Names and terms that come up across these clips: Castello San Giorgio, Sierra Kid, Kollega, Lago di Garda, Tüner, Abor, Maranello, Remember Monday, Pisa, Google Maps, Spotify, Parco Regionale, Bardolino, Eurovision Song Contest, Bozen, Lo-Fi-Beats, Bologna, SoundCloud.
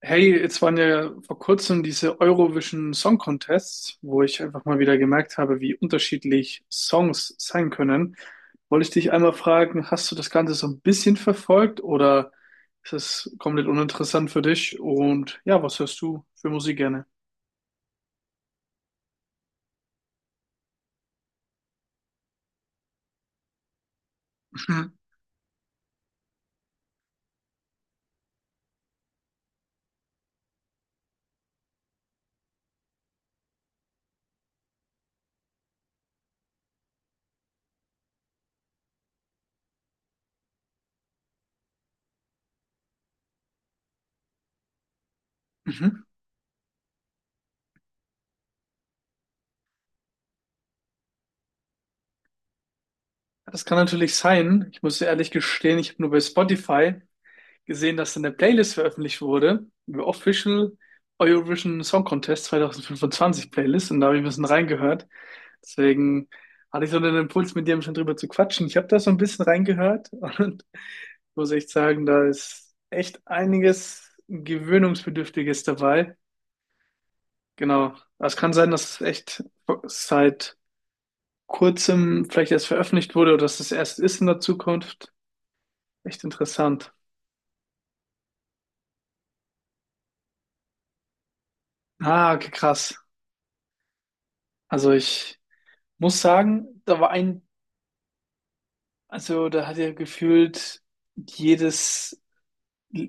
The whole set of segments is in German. Hey, jetzt waren ja vor kurzem diese Eurovision Song Contests, wo ich einfach mal wieder gemerkt habe, wie unterschiedlich Songs sein können. Wollte ich dich einmal fragen, hast du das Ganze so ein bisschen verfolgt oder ist es komplett uninteressant für dich? Und ja, was hörst du für Musik gerne? Mhm. Mhm. Das kann natürlich sein. Ich muss dir ehrlich gestehen, ich habe nur bei Spotify gesehen, dass eine Playlist veröffentlicht wurde, die Official Eurovision Song Contest 2025 Playlist, und da habe ich ein bisschen reingehört. Deswegen hatte ich so einen Impuls, mit dir schon drüber zu quatschen. Ich habe da so ein bisschen reingehört und muss echt sagen, da ist echt einiges Gewöhnungsbedürftiges dabei. Genau. Aber es kann sein, dass es echt seit kurzem vielleicht erst veröffentlicht wurde oder dass es erst ist in der Zukunft. Echt interessant. Ah, okay, krass. Also ich muss sagen, da war ein, also da hat er gefühlt jedes,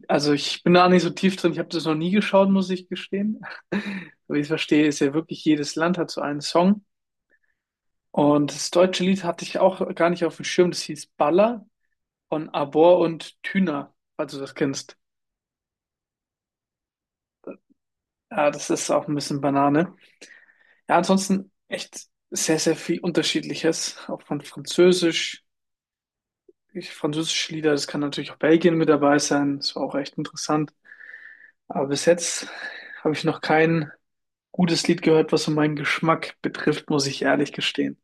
also ich bin da nicht so tief drin, ich habe das noch nie geschaut, muss ich gestehen. Aber wie ich es verstehe, ist ja wirklich jedes Land hat so einen Song. Und das deutsche Lied hatte ich auch gar nicht auf dem Schirm, das hieß Baller von Abor und Tüner, falls du das kennst. Ja, das ist auch ein bisschen Banane. Ja, ansonsten echt sehr, sehr viel Unterschiedliches, auch von Französisch. Ich, französische Lieder, das kann natürlich auch Belgien mit dabei sein, das war auch echt interessant. Aber bis jetzt habe ich noch kein gutes Lied gehört, was so meinen Geschmack betrifft, muss ich ehrlich gestehen.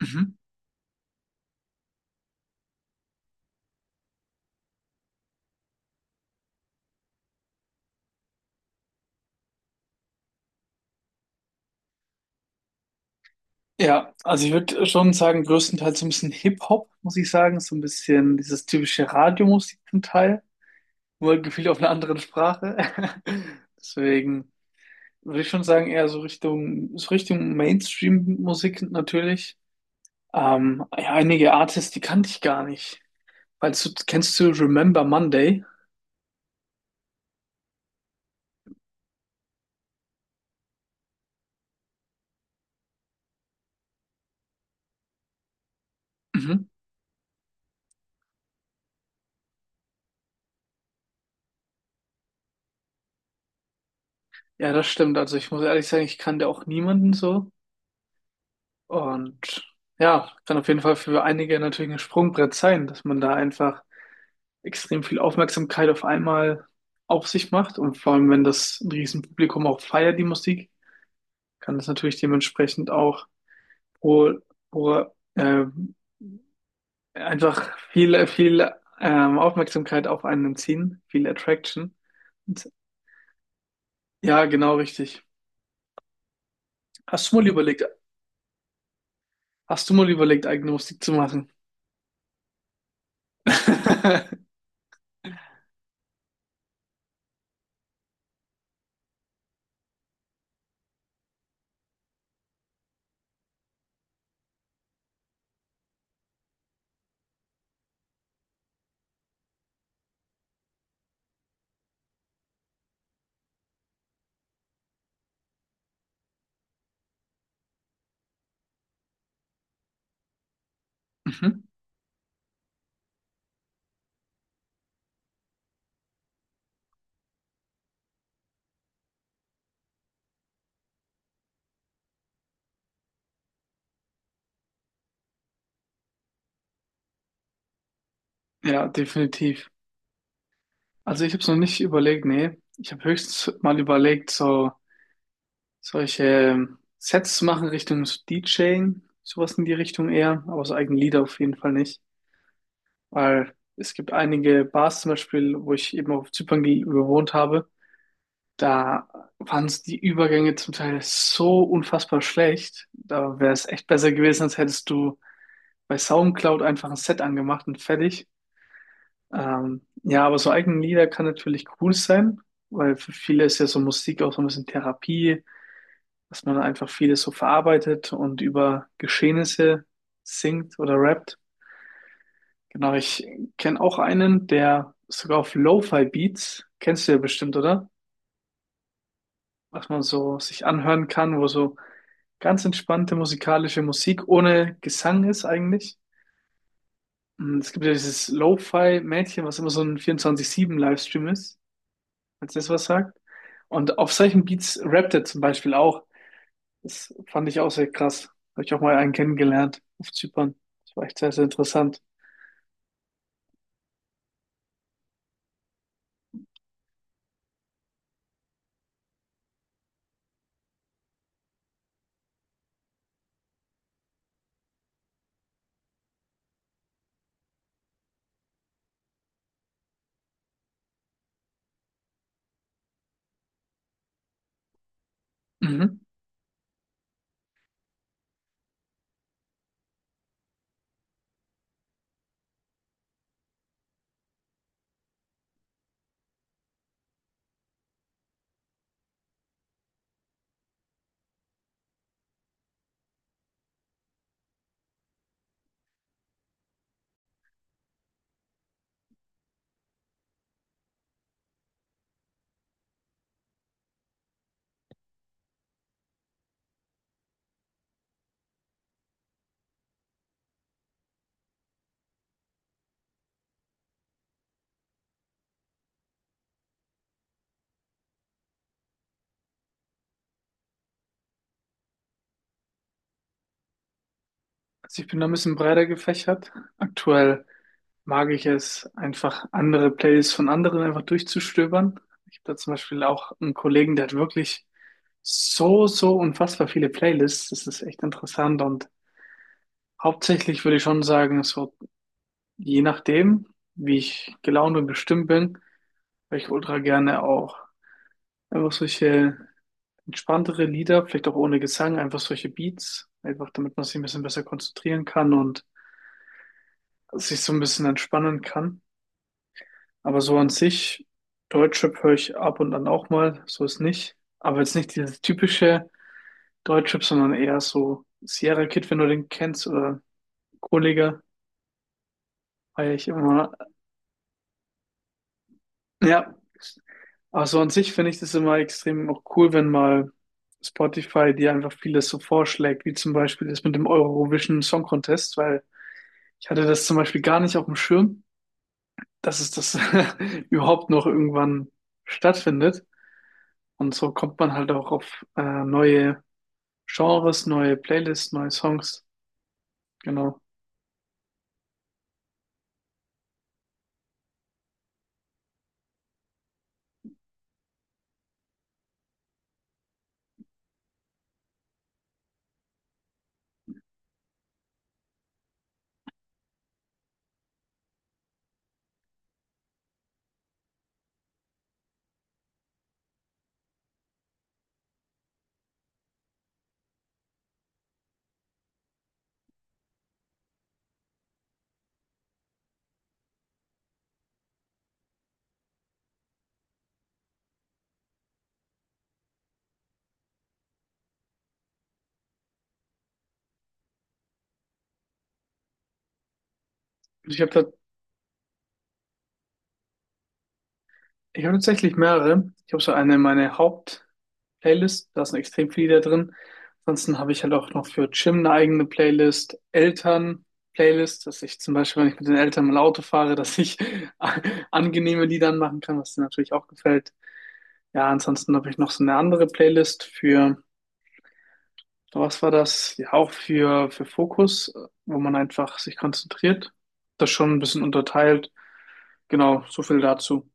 Mhm. Ja, also ich würde schon sagen, größtenteils so ein bisschen Hip-Hop, muss ich sagen. So ein bisschen dieses typische Radiomusik zum Teil, nur gefühlt auf einer anderen Sprache. Deswegen würde ich schon sagen, eher so Richtung Mainstream-Musik natürlich. Ja, einige Artists, die kannte ich gar nicht. Weil du, kennst du Remember Monday? Mhm. Ja, das stimmt. Also ich muss ehrlich sagen, ich kannte auch niemanden so. Und ja, kann auf jeden Fall für einige natürlich ein Sprungbrett sein, dass man da einfach extrem viel Aufmerksamkeit auf einmal auf sich macht. Und vor allem, wenn das ein Riesenpublikum auch feiert, die Musik, kann das natürlich dementsprechend auch pro, pro, äh, einfach viel, viel Aufmerksamkeit auf einen ziehen, viel Attraction. Und, ja, genau richtig. Hast du mal überlegt, hast du mal überlegt, eigene Musik zu machen? Mhm. Ja, definitiv. Also ich habe es noch nicht überlegt, nee. Ich habe höchstens mal überlegt, so solche Sets zu machen Richtung so DJing, sowas in die Richtung eher, aber so eigene Lieder auf jeden Fall nicht. Weil es gibt einige Bars zum Beispiel, wo ich eben auf Zypern gewohnt habe, da waren so die Übergänge zum Teil so unfassbar schlecht. Da wäre es echt besser gewesen, als hättest du bei SoundCloud einfach ein Set angemacht und fertig. Ja, aber so eigene Lieder kann natürlich cool sein, weil für viele ist ja so Musik auch so ein bisschen Therapie, dass man einfach vieles so verarbeitet und über Geschehnisse singt oder rappt. Genau, ich kenne auch einen, der sogar auf Lo-Fi-Beats, kennst du ja bestimmt, oder? Was man so sich anhören kann, wo so ganz entspannte musikalische Musik ohne Gesang ist eigentlich. Und es gibt ja dieses Lo-Fi-Mädchen, was immer so ein 24/7 livestream ist, falls das was sagt. Und auf solchen Beats rappt er zum Beispiel auch. Das fand ich auch sehr krass. Habe ich auch mal einen kennengelernt auf Zypern. Das war echt sehr, sehr interessant. Mhm. Also ich bin da ein bisschen breiter gefächert. Aktuell mag ich es, einfach andere Playlists von anderen einfach durchzustöbern. Ich habe da zum Beispiel auch einen Kollegen, der hat wirklich so, so unfassbar viele Playlists. Das ist echt interessant. Und hauptsächlich würde ich schon sagen, so je nachdem, wie ich gelaunt und bestimmt bin, weil ich ultra gerne auch einfach solche entspanntere Lieder, vielleicht auch ohne Gesang, einfach solche Beats, einfach damit man sich ein bisschen besser konzentrieren kann und sich so ein bisschen entspannen kann. Aber so an sich, Deutschrap höre ich ab und an auch mal, so ist nicht. Aber jetzt nicht dieses typische Deutschrap, sondern eher so Sierra Kid, wenn du den kennst, oder Kollega, feiere ich immer. Ja, also an sich finde ich das immer extrem auch cool, wenn mal Spotify dir einfach vieles so vorschlägt, wie zum Beispiel das mit dem Eurovision Song Contest, weil ich hatte das zum Beispiel gar nicht auf dem Schirm, dass es das überhaupt noch irgendwann stattfindet. Und so kommt man halt auch auf neue Genres, neue Playlists, neue Songs. Genau. Also ich habe tatsächlich mehrere. Ich habe so eine meine Haupt-Playlist, da sind extrem viele da drin. Ansonsten habe ich halt auch noch für Gym eine eigene Playlist, Eltern-Playlist, dass ich zum Beispiel, wenn ich mit den Eltern mal Auto fahre, dass ich angenehme Lieder anmachen kann, was denen natürlich auch gefällt. Ja, ansonsten habe ich noch so eine andere Playlist für, was war das? Ja, auch für Fokus, wo man einfach sich konzentriert. Das schon ein bisschen unterteilt. Genau, so viel dazu.